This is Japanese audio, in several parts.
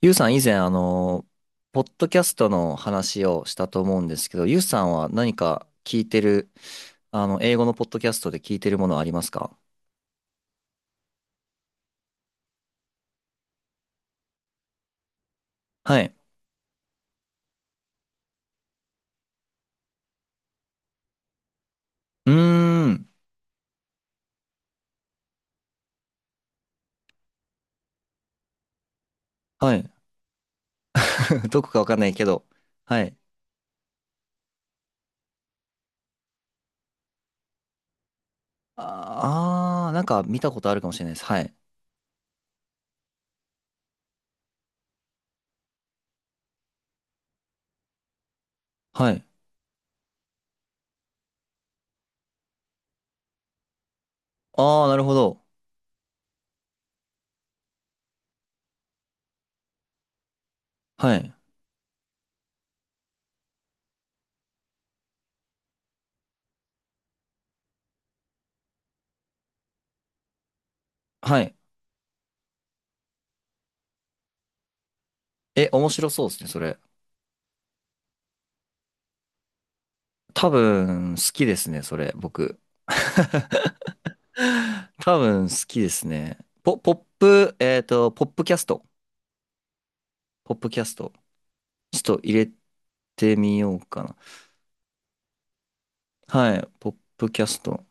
ゆうさん以前、ポッドキャストの話をしたと思うんですけど、ゆうさんは何か聞いてる、英語のポッドキャストで聞いてるものはありますか？はい。うーん。はい。どこかわかんないけど。はい。ああー、なんか見たことあるかもしれないです。はい。はい。ああ、なるほど。はい。はい。え、面白そうですね、それ。多分、好きですね、それ、僕。多分、好きですね。ポップキャスト。ポップキャスト。ちょっと入れてみようかな。はい。ポップキャスト。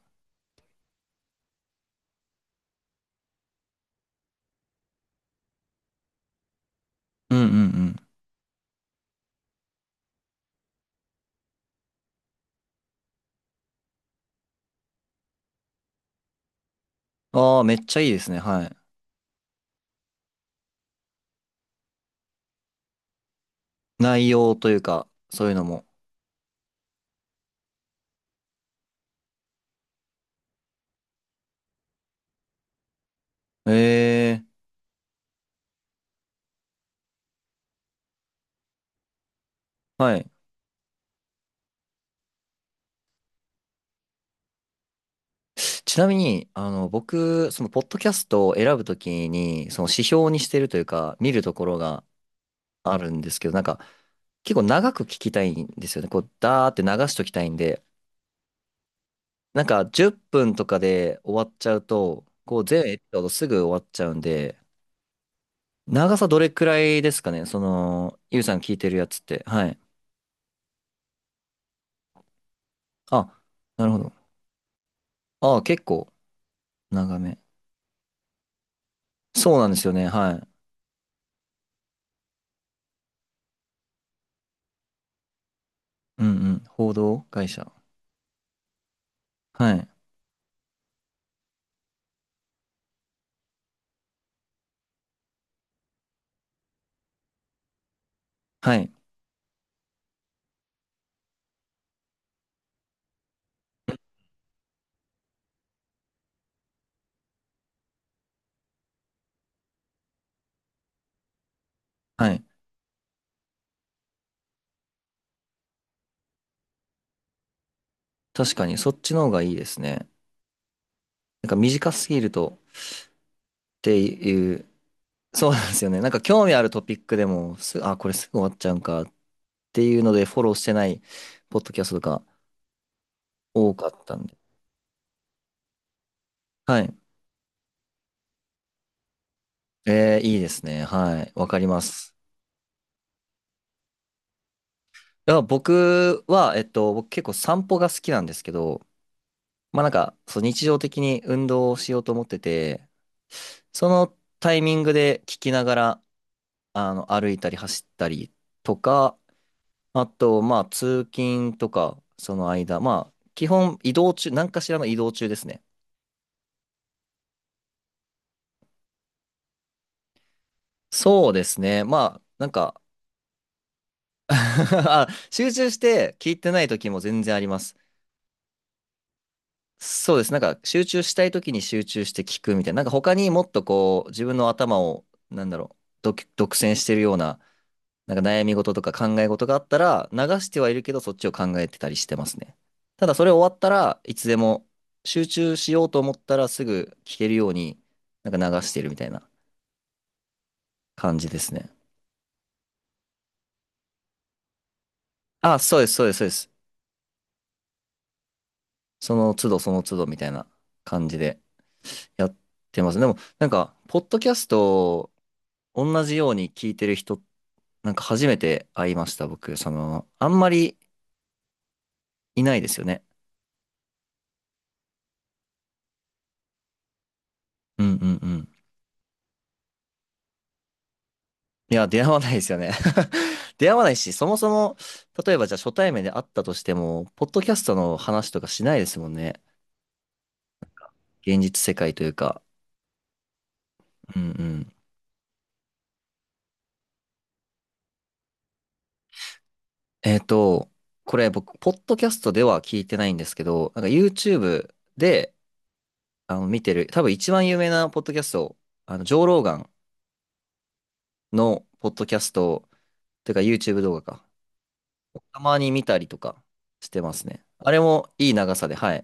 うんうんうん。ああ、めっちゃいいですね。はい。内容というか、そういうのも。ええ、はい。ちなみに、僕、ポッドキャストを選ぶときに、その指標にしてるというか、見るところがあるんですけど、なんか、結構長く聞きたいんですよね。こう、ダーって流しときたいんで、なんか、10分とかで終わっちゃうと、こう、全エピソードすぐ終わっちゃうんで、長さどれくらいですかねゆうさん聞いてるやつって。はい。あ、なるほど。ああ、結構長め。そうなんですよね。はい。うんうん。報道会社。はい。はい。はい。確かに、そっちの方がいいですね。なんか短すぎるとっていう、そうなんですよね。なんか興味あるトピックでも、これすぐ終わっちゃうんかっていうので、フォローしてないポッドキャストとか多かったんで。はい。えー、いいですね。はい。わかります。あ、僕は、僕結構散歩が好きなんですけど、まあなんか、そう日常的に運動をしようと思ってて、そのタイミングで聞きながら、歩いたり走ったりとか、あと、まあ通勤とか、その間、まあ、基本移動中、何かしらの移動中ですね。そうですね。まあ、なんか あ集中して聞いてない時も全然あります。そうです。なんか集中したい時に集中して聞くみたいな。なんか他にもっとこう自分の頭をなんだろう、独占してるような、なんか悩み事とか考え事があったら流してはいるけどそっちを考えてたりしてますね。ただそれ終わったらいつでも集中しようと思ったらすぐ聞けるようになんか流してるみたいな感じですね。あ、そうです、そうです、そうです。その都度その都度みたいな感じでやってます。でもなんかポッドキャストを同じように聞いてる人なんか初めて会いました、僕。あんまりいないですよね。うんうんうん。いや、出会わないですよね。出会わないし、そもそも、例えばじゃあ初対面で会ったとしても、ポッドキャストの話とかしないですもんね。現実世界というか。うんうん。えっと、これ僕、ポッドキャストでは聞いてないんですけど、なんか YouTube で、見てる、多分一番有名なポッドキャスト、ジョー・ローガンのポッドキャスト、というか YouTube 動画か。たまに見たりとかしてますね。あれもいい長さで、はい。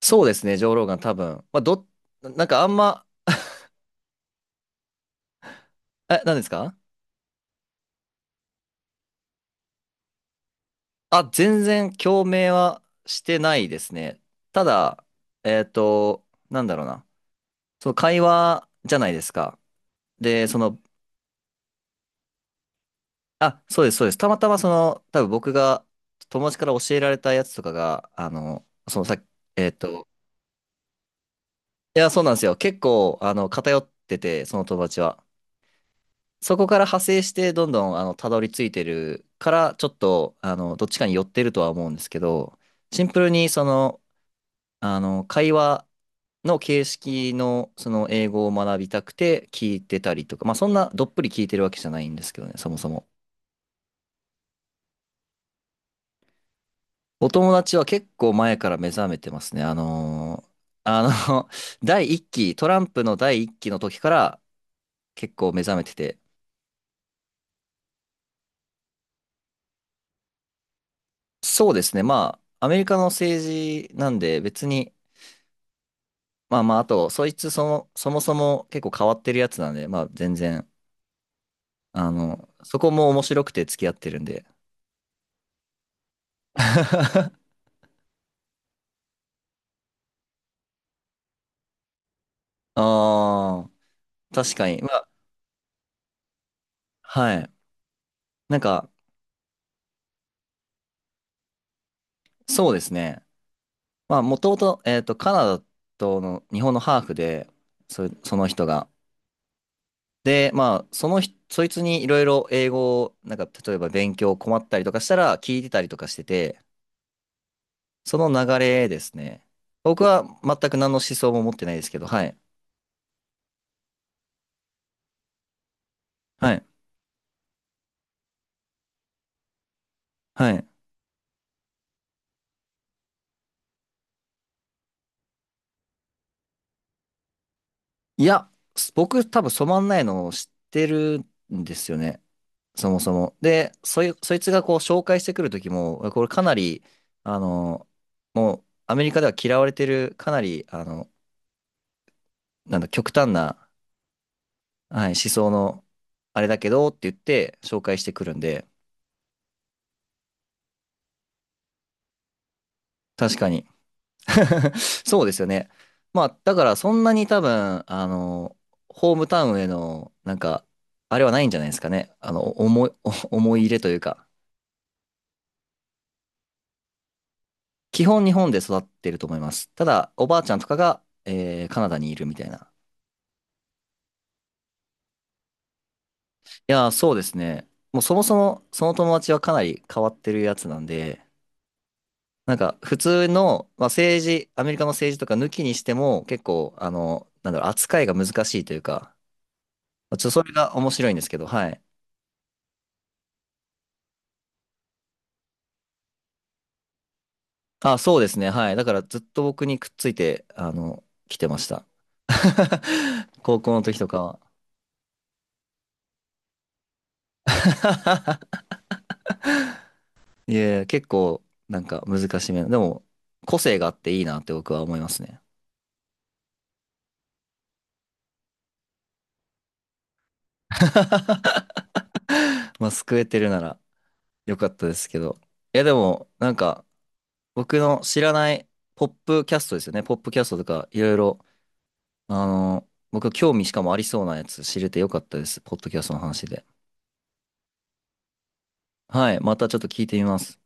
そうですね、上ローガン多分。まあ、なんかあんま、え、何ですか？あ、全然共鳴はしてないですね。ただ、なんだろうな。その会話じゃないですか。で、あ、そうです、そうです。たまたま多分僕が友達から教えられたやつとかが、そのさっき、えっと、いや、そうなんですよ。結構、偏ってて、その友達は。そこから派生してどんどんたどり着いてるからちょっとどっちかに寄ってるとは思うんですけどシンプルに会話の形式のその英語を学びたくて聞いてたりとかまあそんなどっぷり聞いてるわけじゃないんですけどねそもそもお友達は結構前から目覚めてますねあの 第一期トランプの第一期の時から結構目覚めててそうですねまあアメリカの政治なんで別にまあまあ、あと、そもそも結構変わってるやつなんで、まあ全然、そこも面白くて付き合ってるんで。ああ、確かに。まあ、はい。なんか、そうですね。まあ、もともと、カナダとの日本のハーフで、その人が。で、まあ、その人、そいつにいろいろ英語を、なんか、例えば勉強困ったりとかしたら聞いてたりとかしてて、その流れですね。僕は全く何の思想も持ってないですけど、はい。はい。はい。いや、僕多分染まんないのを知ってるんですよね。そもそも。で、そいつがこう紹介してくる時も、これかなり、あの、もうアメリカでは嫌われてる、かなり、あの、なんだ、極端な、はい、思想の、あれだけどって言って紹介してくるんで、確かに。そうですよね。まあ、だからそんなに多分、ホームタウンへの、なんか、あれはないんじゃないですかね。思い入れというか。基本日本で育ってると思います。ただ、おばあちゃんとかが、カナダにいるみたいな。いやー、そうですね。もうそもそもその友達はかなり変わってるやつなんで、なんか普通の、まあ、政治、アメリカの政治とか抜きにしても結構、なんだろう、扱いが難しいというか、まあちょっとそれが面白いんですけど、はい。あ、そうですね。はい。だからずっと僕にくっついて、来てました。高校の時とかは。いや結構、なんか難しめな。でも、個性があっていいなって僕は思いますね。まあ、救えてるならよかったですけど。いや、でも、なんか、僕の知らないポップキャストですよね。ポップキャストとか、いろいろ、僕興味しかもありそうなやつ知れてよかったです。ポッドキャストの話で。はい、またちょっと聞いてみます。